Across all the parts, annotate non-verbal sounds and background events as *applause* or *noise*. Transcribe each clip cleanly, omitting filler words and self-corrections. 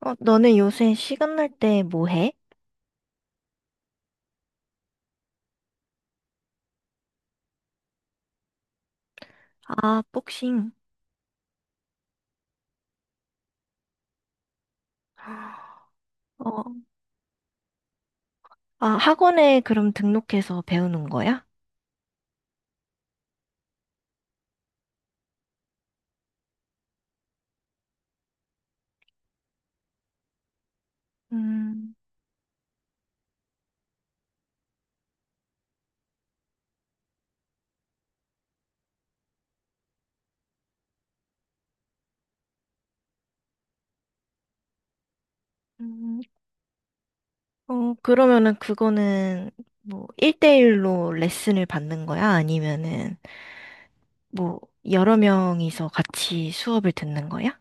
너는 요새 시간 날 때 뭐 해? 아, 복싱. 어, 아, 학원에 그럼 등록해서 배우는 거야? 음. 음. 그러면은 그거는 뭐 1대1로 레슨을 받는 거야? 아니면은 뭐 여러 명이서 같이 수업을 듣는 거야?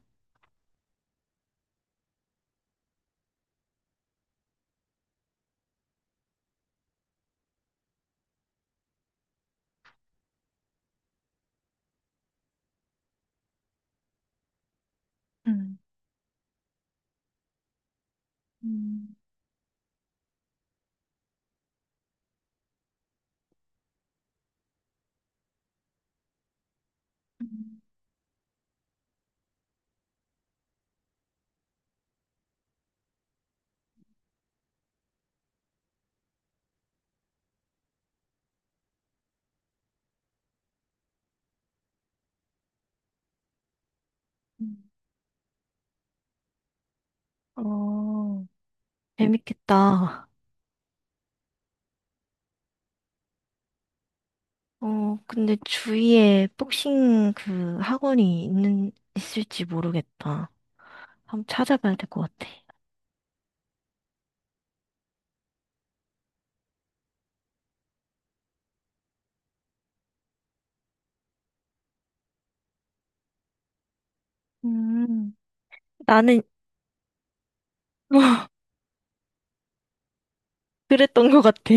음. 음. 음. 음. 어, 재밌겠다. 근데 주위에 복싱 그 학원이 있을지 모르겠다. 한번 찾아봐야 될 것 같아. 음. 나는, *laughs* 그랬던 것 같아.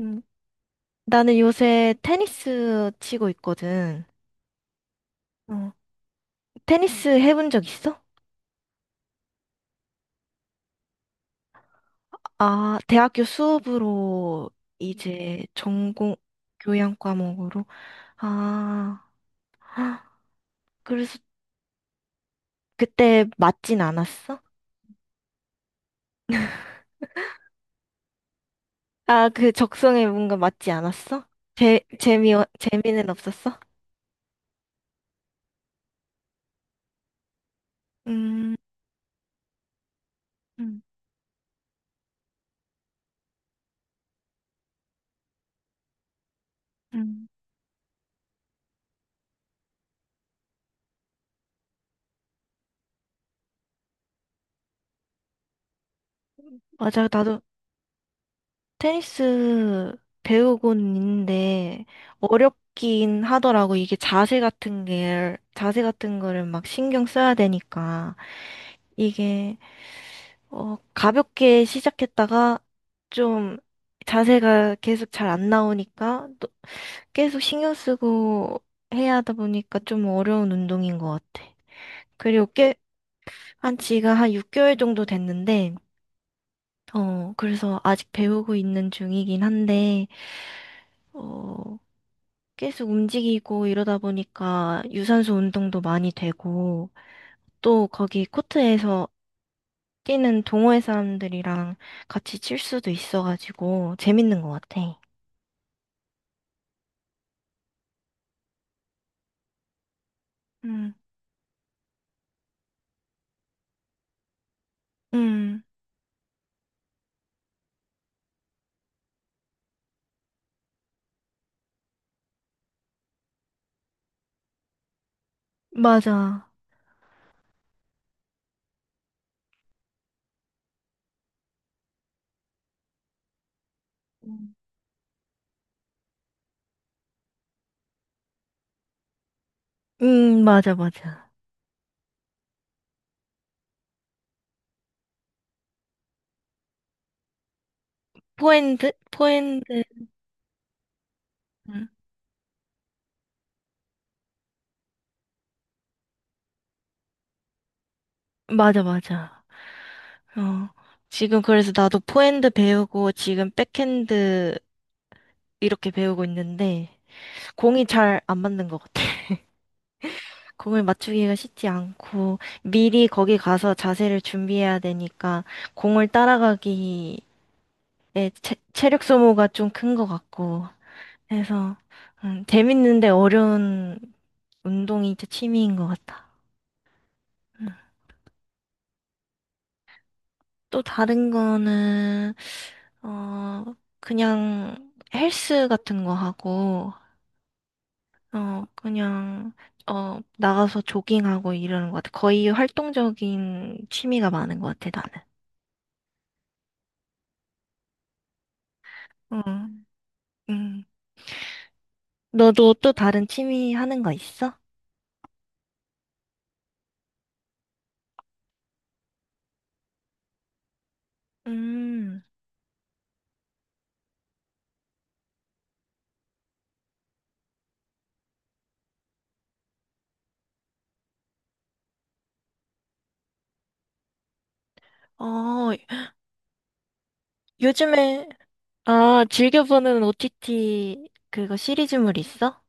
음. 나는 요새 테니스 치고 있거든. 어. 테니스 해본 적 있어? 아, 대학교 수업으로 이제 전공 교양 과목으로. 아, *gasps* 헉, 그래서 그때 맞진 않았어? 아, 그 적성에 뭔가 맞지 않았어? 재, 재미, 재미는 없었어? 음. 음. 음. 맞아. 나도 테니스 배우고는 있는데, 어렵긴 하더라고. 이게 자세 같은 거를 막 신경 써야 되니까. 이게, 가볍게 시작했다가, 좀, 자세가 계속 잘 안 나오니까, 또 계속 신경 쓰고 해야 하다 보니까 좀 어려운 운동인 것 같아. 그리고 한 지가 한 6개월 정도 됐는데, 그래서 아직 배우고 있는 중이긴 한데, 어, 계속 움직이고 이러다 보니까 유산소 운동도 많이 되고, 또 거기 코트에서 뛰는 동호회 사람들이랑 같이 칠 수도 있어가지고, 재밌는 것 같아. 음. 음. 맞아. 응. 음. 맞아, 맞아. 포핸드? 포핸드? 음. 맞아, 맞아. 어, 지금 그래서 나도 포핸드 배우고 지금 백핸드 이렇게 배우고 있는데 공이 잘 안 맞는 것 같아. *laughs* 공을 맞추기가 쉽지 않고 미리 거기 가서 자세를 준비해야 되니까 공을 따라가기에 체력 소모가 좀 큰 것 같고 해서 재밌는데 어려운 운동이 진짜 취미인 것 같아. 음. 또 다른 거는 어 그냥 헬스 같은 거 하고 그냥, 나가서 조깅하고 이러는 것 같아. 거의 활동적인 취미가 많은 것 같아, 나는. 응. 응. 너도 또 다른 취미 하는 거 있어? 음. 어, 요즘에, 아, 즐겨보는 OTT 그거 시리즈물 있어?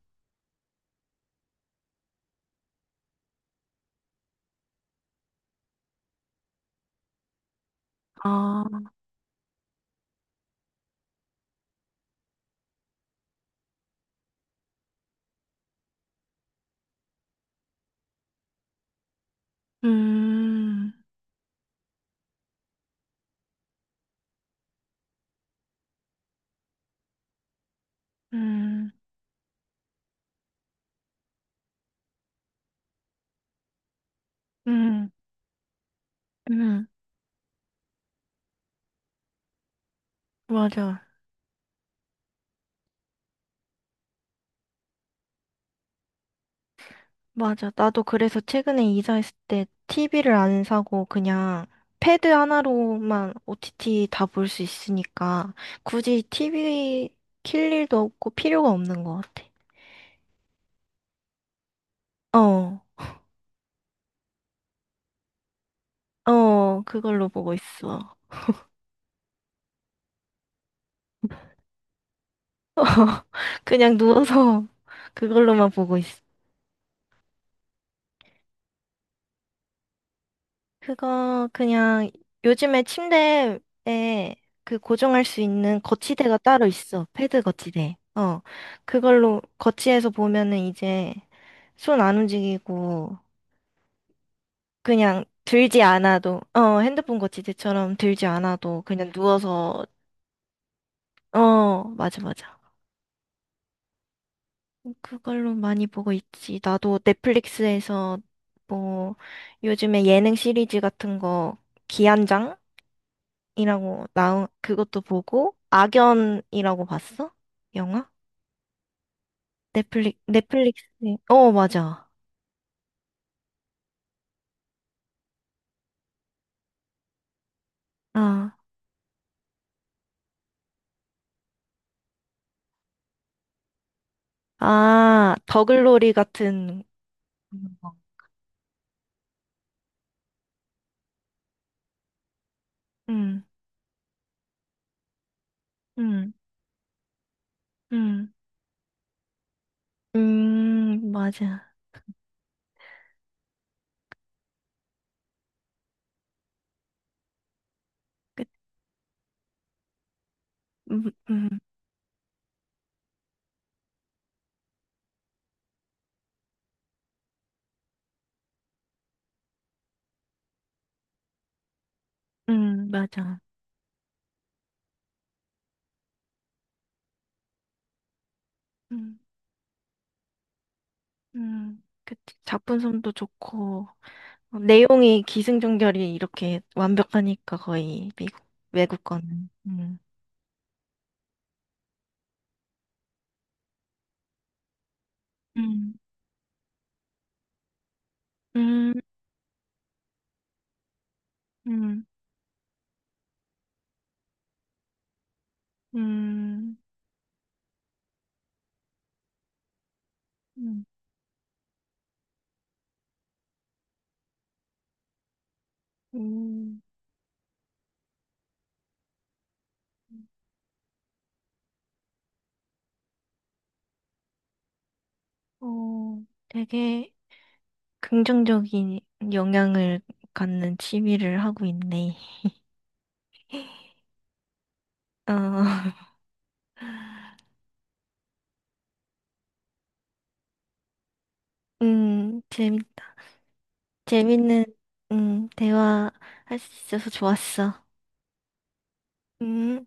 아. 음. 음. 음. 음. 맞아. 맞아. 나도 그래서 최근에 이사했을 때 TV를 안 사고 그냥 패드 하나로만 OTT 다 볼 수 있으니까 굳이 TV 킬 일도 없고 필요가 없는 것 같아. 어, 어, 그걸로 보고 있어. 그냥 누워서 *laughs* 그걸로만 보고 있어. 그거 그냥 요즘에 침대에 그 고정할 수 있는 거치대가 따로 있어. 패드 거치대. 어. 그걸로 거치해서 보면은 이제 손 안 움직이고 그냥 들지 않아도 핸드폰 거치대처럼 들지 않아도 그냥 누워서 어, 맞아 맞아. 그걸로 많이 보고 있지. 나도 넷플릭스에서 뭐 요즘에 예능 시리즈 같은 거 기안장 이라고 나온 그것도 보고 악연이라고 봤어? 영화? 넷플릭스. 어, 맞아. 아. 아, 더글로리 같은 거. 음. 음. 음. 음. 맞아. 그 음. 음. 음. 맞아. 음. 음. 그치. 작품성도 좋고 내용이 기승전결이 이렇게 완벽하니까 거의 미국 외국 거는. 음. 음. 음. 음. 음. 음. 음. 어, 되게 긍정적인 영향을 갖는 취미를 하고 있네. 어, *laughs* 음. 재밌다. 재밌는, 음. 대화 할 수 있어서 좋았어. 음.